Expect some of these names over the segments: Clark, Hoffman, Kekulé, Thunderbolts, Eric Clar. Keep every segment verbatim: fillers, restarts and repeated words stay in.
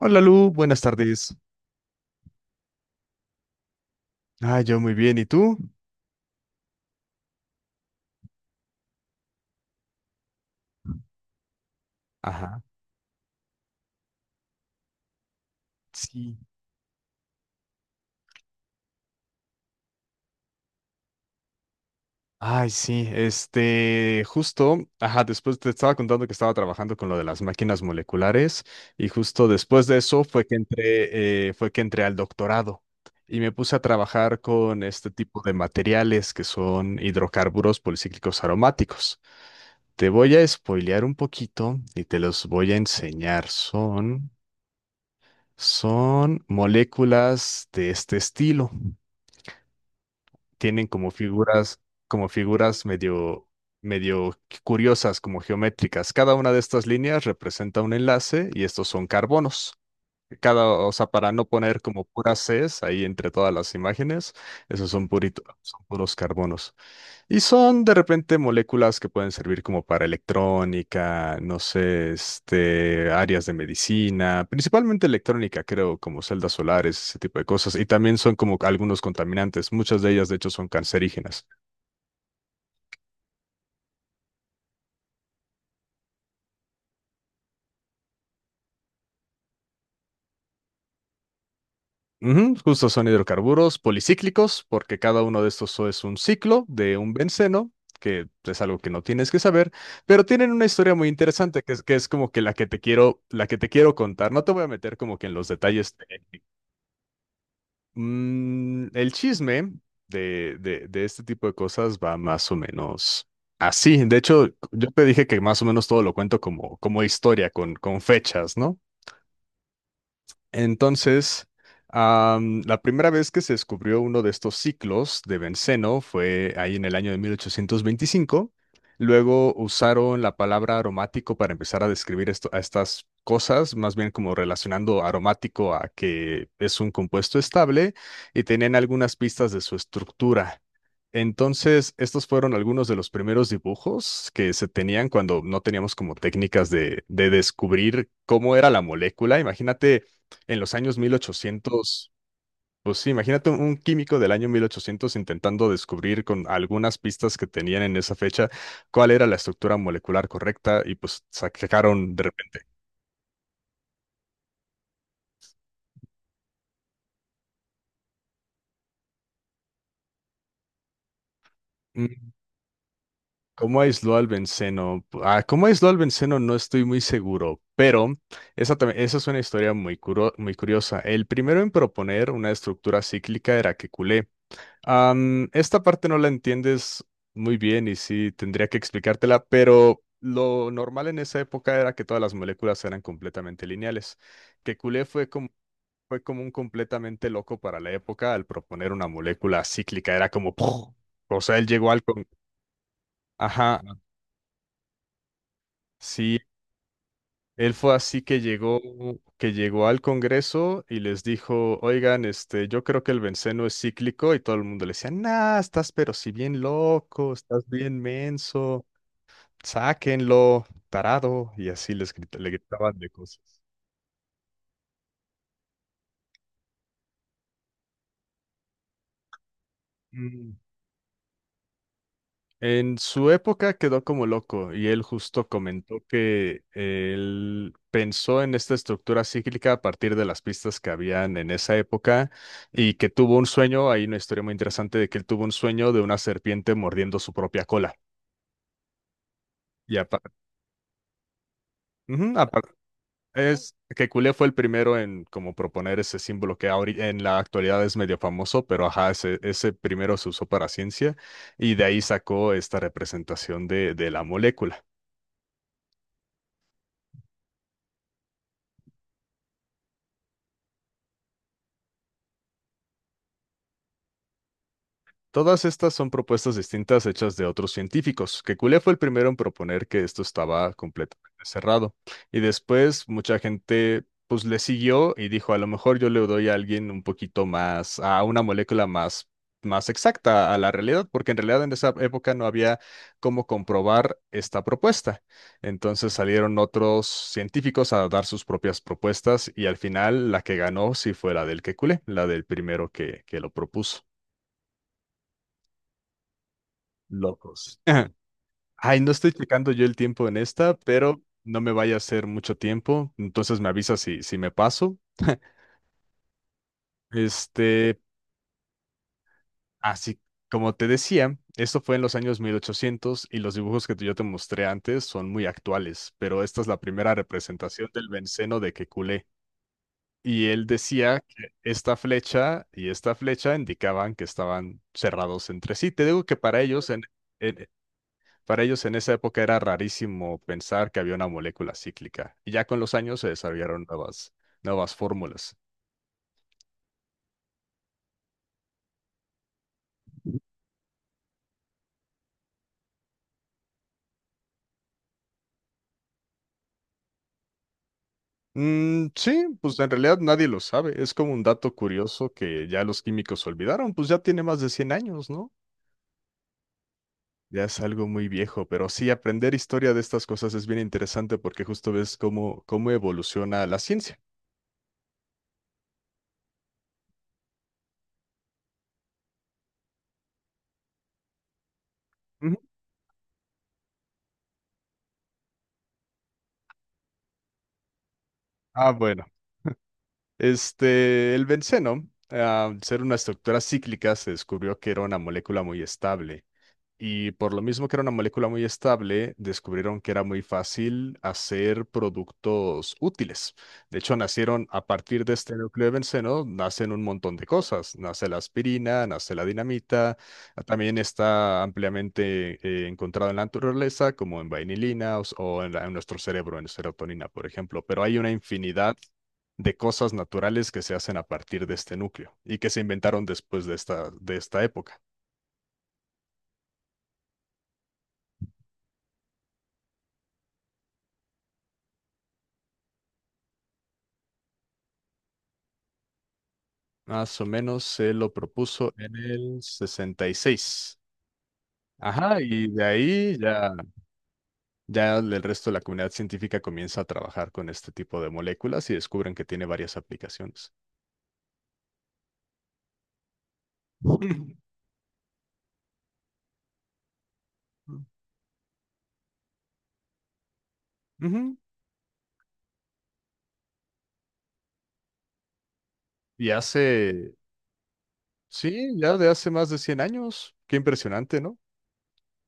Hola Lu, buenas tardes. Ah, yo muy bien, ¿y tú? Ajá, sí. Ay, sí, este, justo, ajá, después te estaba contando que estaba trabajando con lo de las máquinas moleculares y justo después de eso fue que entré, eh, fue que entré al doctorado y me puse a trabajar con este tipo de materiales que son hidrocarburos policíclicos aromáticos. Te voy a spoilear un poquito y te los voy a enseñar. Son, son moléculas de este estilo. Tienen como figuras, como figuras medio, medio curiosas, como geométricas. Cada una de estas líneas representa un enlace y estos son carbonos. Cada, o sea, para no poner como puras Cs ahí entre todas las imágenes, esos son puritos, son puros carbonos. Y son de repente moléculas que pueden servir como para electrónica, no sé, este, áreas de medicina, principalmente electrónica, creo, como celdas solares, ese tipo de cosas. Y también son como algunos contaminantes, muchas de ellas de hecho son cancerígenas. Ujú, justo son hidrocarburos policíclicos, porque cada uno de estos es un ciclo de un benceno, que es algo que no tienes que saber, pero tienen una historia muy interesante que es, que es como que la que te quiero, la que te quiero contar. No te voy a meter como que en los detalles. Mm, el chisme de, de, de este tipo de cosas va más o menos así. De hecho, yo te dije que más o menos todo lo cuento como, como, historia, con, con fechas, ¿no? Entonces, am, la primera vez que se descubrió uno de estos ciclos de benceno fue ahí en el año de mil ochocientos veinticinco. Luego usaron la palabra aromático para empezar a describir esto, a estas cosas, más bien como relacionando aromático a que es un compuesto estable, y tenían algunas pistas de su estructura. Entonces, estos fueron algunos de los primeros dibujos que se tenían cuando no teníamos como técnicas de, de descubrir cómo era la molécula. Imagínate en los años mil ochocientos, pues sí, imagínate un un químico del año mil ochocientos intentando descubrir con algunas pistas que tenían en esa fecha cuál era la estructura molecular correcta, y pues sacaron de repente. Mm, ¿Cómo aisló al benceno? Ah, ¿cómo aisló al benceno? No estoy muy seguro, pero esa, tam- esa es una historia muy, curo- muy curiosa. El primero en proponer una estructura cíclica era Kekulé. Am, esta parte no la entiendes muy bien y sí tendría que explicártela, pero lo normal en esa época era que todas las moléculas eran completamente lineales. Que Couplé fue como, fue como un completamente loco para la época al proponer una molécula cíclica, era como ¡puf! O sea, él llegó al con. Ajá, sí, él fue así que llegó, que llegó al Congreso y les dijo, oigan, este, yo creo que el benceno es cíclico, y todo el mundo le decía, nah, estás pero si bien loco, estás bien menso, sáquenlo, tarado, y así les grita- le gritaban de cosas. En su época quedó como loco, y él justo comentó que él pensó en esta estructura cíclica a partir de las pistas que habían en esa época, y que tuvo un sueño. Hay una historia muy interesante de que él tuvo un sueño de una serpiente mordiendo su propia cola. Y aparte, es que Cule fue el primero en como proponer ese símbolo que ahori- en la actualidad es medio famoso, pero ajá, ese, ese primero se usó para ciencia, y de ahí sacó esta representación de de la molécula. Todas estas son propuestas distintas hechas de otros científicos. Que Kekulé fue el primero en proponer que esto estaba completamente cerrado. Y después mucha gente pues le siguió y dijo, a lo mejor yo le doy a alguien un poquito más, a una molécula más, más exacta a la realidad, porque en realidad en esa época no había cómo comprobar esta propuesta. Entonces salieron otros científicos a dar sus propias propuestas, y al final la que ganó sí fue la del que Kekulé, la del primero que, que lo propuso. Locos. Ajá. Ay, no estoy checando yo el tiempo en esta, pero no me vaya a hacer mucho tiempo, entonces me avisa si, si me paso. Este, Así como te decía, esto fue en los años mil ochocientos y los dibujos que yo te mostré antes son muy actuales, pero esta es la primera representación del benceno de Kekulé. Y él decía que esta flecha y esta flecha indicaban que estaban cerrados entre sí. Te digo que para ellos en, en- Para ellos en esa época era rarísimo pensar que había una molécula cíclica, y ya con los años se desarrollaron nuevas, nuevas fórmulas. Mm, sí, pues en realidad nadie lo sabe, es como un dato curioso que ya los químicos olvidaron, pues ya tiene más de cien años, ¿no? Ya es algo muy viejo, pero sí, aprender historia de estas cosas es bien interesante porque justo ves cómo, cómo evoluciona la ciencia. Ujú. Ah, bueno. Este, el benceno, ah, al ser una estructura cíclica, se descubrió que era una molécula muy estable. Y por lo mismo que era una molécula muy estable, descubrieron que era muy fácil hacer productos útiles. De hecho, nacieron a partir de este núcleo de benceno, nacen un montón de cosas. Nace la aspirina, nace la dinamita, también está ampliamente eh, encontrado en la naturaleza, como en vainilina o, o en, la- en nuestro cerebro, en serotonina, por ejemplo. Pero hay una infinidad de cosas naturales que se hacen a partir de este núcleo y que se inventaron después de esta, de esta época. Más o menos se lo propuso en el sesenta y seis. Ajá, y de ahí ya, ya, el resto de la comunidad científica comienza a trabajar con este tipo de moléculas, y descubren que tiene varias aplicaciones. Ujú. Ujú. Y hace, sí, ya de hace más de cien años. Qué impresionante, ¿no?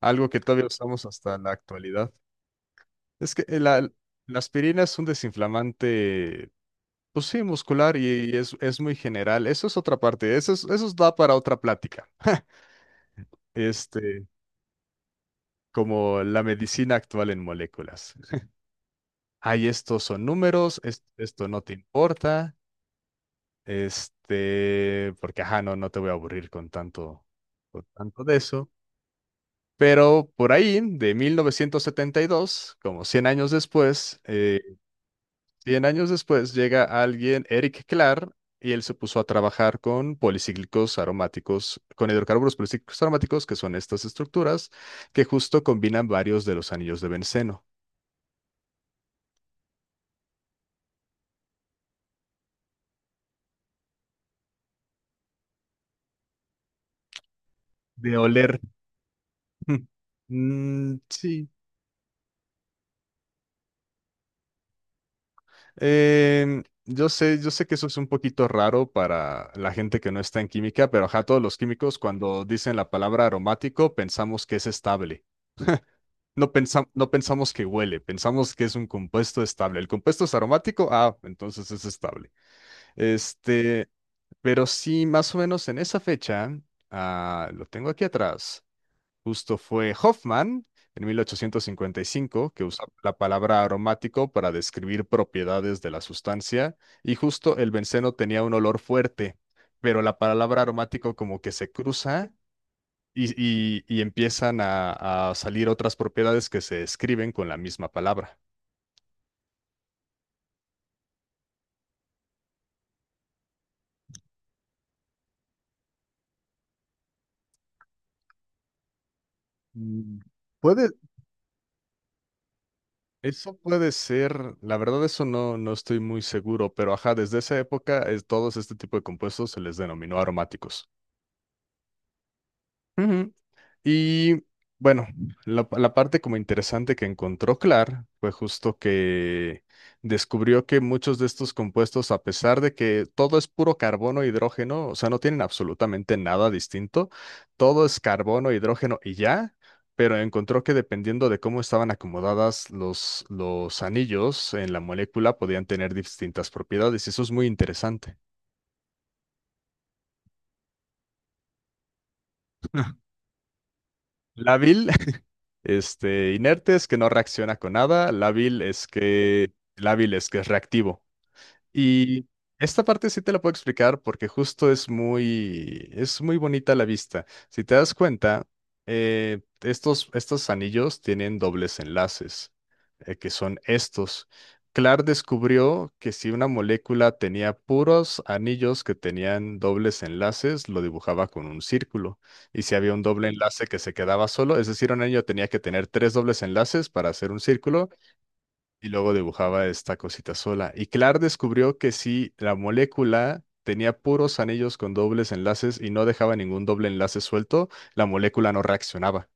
Algo que todavía usamos hasta la actualidad. Es que la, la aspirina es un desinflamante, pues sí, muscular, y, y es, es muy general. Eso es otra parte, eso, es- eso da para otra plática. este, como la medicina actual en moléculas. Ay, estos son números, es- esto no te importa, este, porque ajá, no, no te voy a aburrir con tanto, con tanto de eso. Pero por ahí, de mil novecientos setenta y dos, como cien años después, eh, cien años después llega alguien, Eric Clar, y él se puso a trabajar con policíclicos aromáticos, con hidrocarburos policíclicos aromáticos, que son estas estructuras que justo combinan varios de los anillos de benceno. De oler. Mm, sí. Em, yo sé, yo sé que eso es un poquito raro para la gente que no está en química, pero ajá, todos los químicos cuando dicen la palabra aromático pensamos que es estable. No pensa- no pensamos que huele, pensamos que es un compuesto estable. El compuesto es aromático, ah, entonces es estable. Este, pero sí, más o menos en esa fecha, ah, lo tengo aquí atrás. Justo fue Hoffman en mil ochocientos cincuenta y cinco que usó la palabra aromático para describir propiedades de la sustancia, y justo el benceno tenía un olor fuerte, pero la palabra aromático como que se cruza, y, y- y empiezan a, a salir otras propiedades que se escriben con la misma palabra. Mm, Puede, Eso puede ser. La verdad eso no, no estoy muy seguro, pero ajá, desde esa época es- todos este tipo de compuestos se les denominó aromáticos. Ujú. Y bueno, la, la parte como interesante que encontró Clark fue justo que descubrió que muchos de estos compuestos, a pesar de que todo es puro carbono e hidrógeno, o sea, no tienen absolutamente nada distinto, todo es carbono e hidrógeno y ya, pero encontró que dependiendo de cómo estaban acomodadas los, los anillos en la molécula, podían tener distintas propiedades, y eso es muy interesante. La vi, Este, inerte es que no reacciona con nada. Lábil es que, lábil es que es reactivo. Y esta parte sí te la puedo explicar porque justo es muy, es muy bonita a la vista. Si te das cuenta, eh, estos, estos anillos tienen dobles enlaces, eh, que son estos. Clark descubrió que si una molécula tenía puros anillos que tenían dobles enlaces, lo dibujaba con un círculo. Y si había un doble enlace que se quedaba solo, es decir, un anillo tenía que tener tres dobles enlaces para hacer un círculo, y luego dibujaba esta cosita sola. Y Clark descubrió que si la molécula tenía puros anillos con dobles enlaces y no dejaba ningún doble enlace suelto, la molécula no reaccionaba.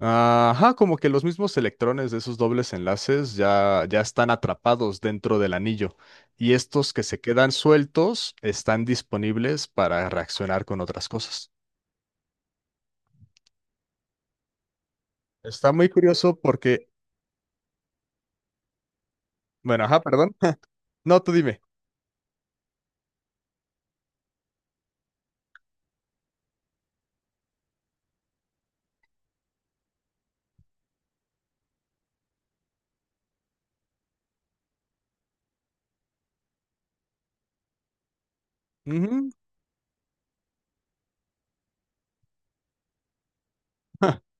Ajá, como que los mismos electrones de esos dobles enlaces ya, ya están atrapados dentro del anillo, y estos que se quedan sueltos están disponibles para reaccionar con otras cosas. Está muy curioso porque, bueno, ajá, perdón. No, tú dime. Ujú.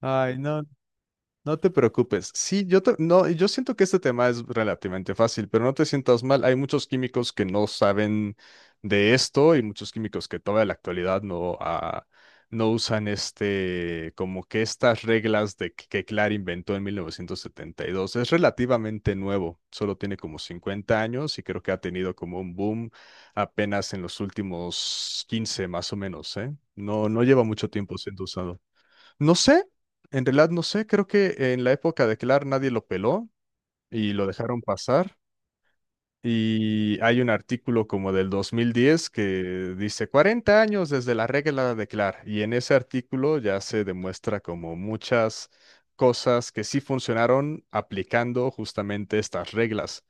Ay, no, no te preocupes. Sí, yo ta- no, yo siento que este tema es relativamente fácil, pero no te sientas mal. Hay muchos químicos que no saben de esto, y muchos químicos que todavía en la actualidad no, ah, no usan este, como que estas reglas de que, que Clark inventó en mil novecientos setenta y dos. Es relativamente nuevo, solo tiene como cincuenta años, y creo que ha tenido como un boom apenas en los últimos quince más o menos, ¿eh? No, no lleva mucho tiempo siendo usado. No sé, en realidad no sé, creo que en la época de Clark nadie lo peló y lo dejaron pasar. Y hay un artículo como del dos mil diez que dice cuarenta años desde la regla de Clark, y en ese artículo ya se demuestra como muchas cosas que sí funcionaron aplicando justamente estas reglas.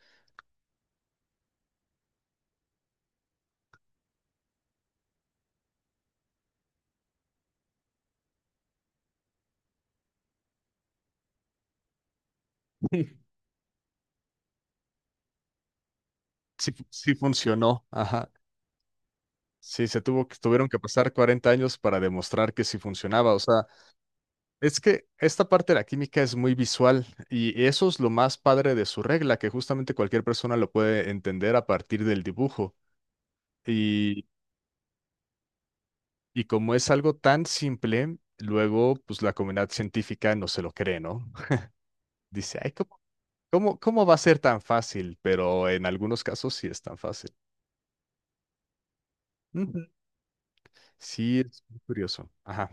Sí, fu- sí funcionó, ajá. Sí, se tuvo que, tuvieron que pasar cuarenta años para demostrar que sí funcionaba. O sea, es que esta parte de la química es muy visual, y eso es lo más padre de su regla, que justamente cualquier persona lo puede entender a partir del dibujo. Y, y como es algo tan simple, luego pues la comunidad científica no se lo cree, ¿no? Dice, ay, ¿cómo, cómo, cómo va a ser tan fácil? Pero en algunos casos sí es tan fácil. Ujú. Sí, es muy curioso. Ajá.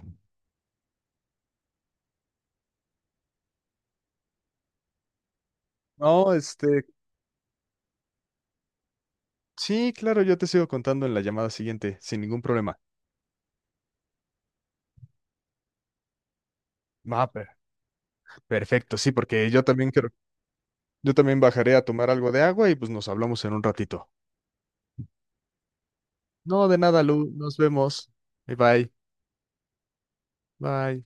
No, este, sí, claro, yo te sigo contando en la llamada siguiente, sin ningún problema. Ah, per- Perfecto, sí, porque yo también quiero Yo también bajaré a tomar algo de agua, y pues nos hablamos en un ratito. No, de nada, Lu. Nos vemos. Bye bye. Bye.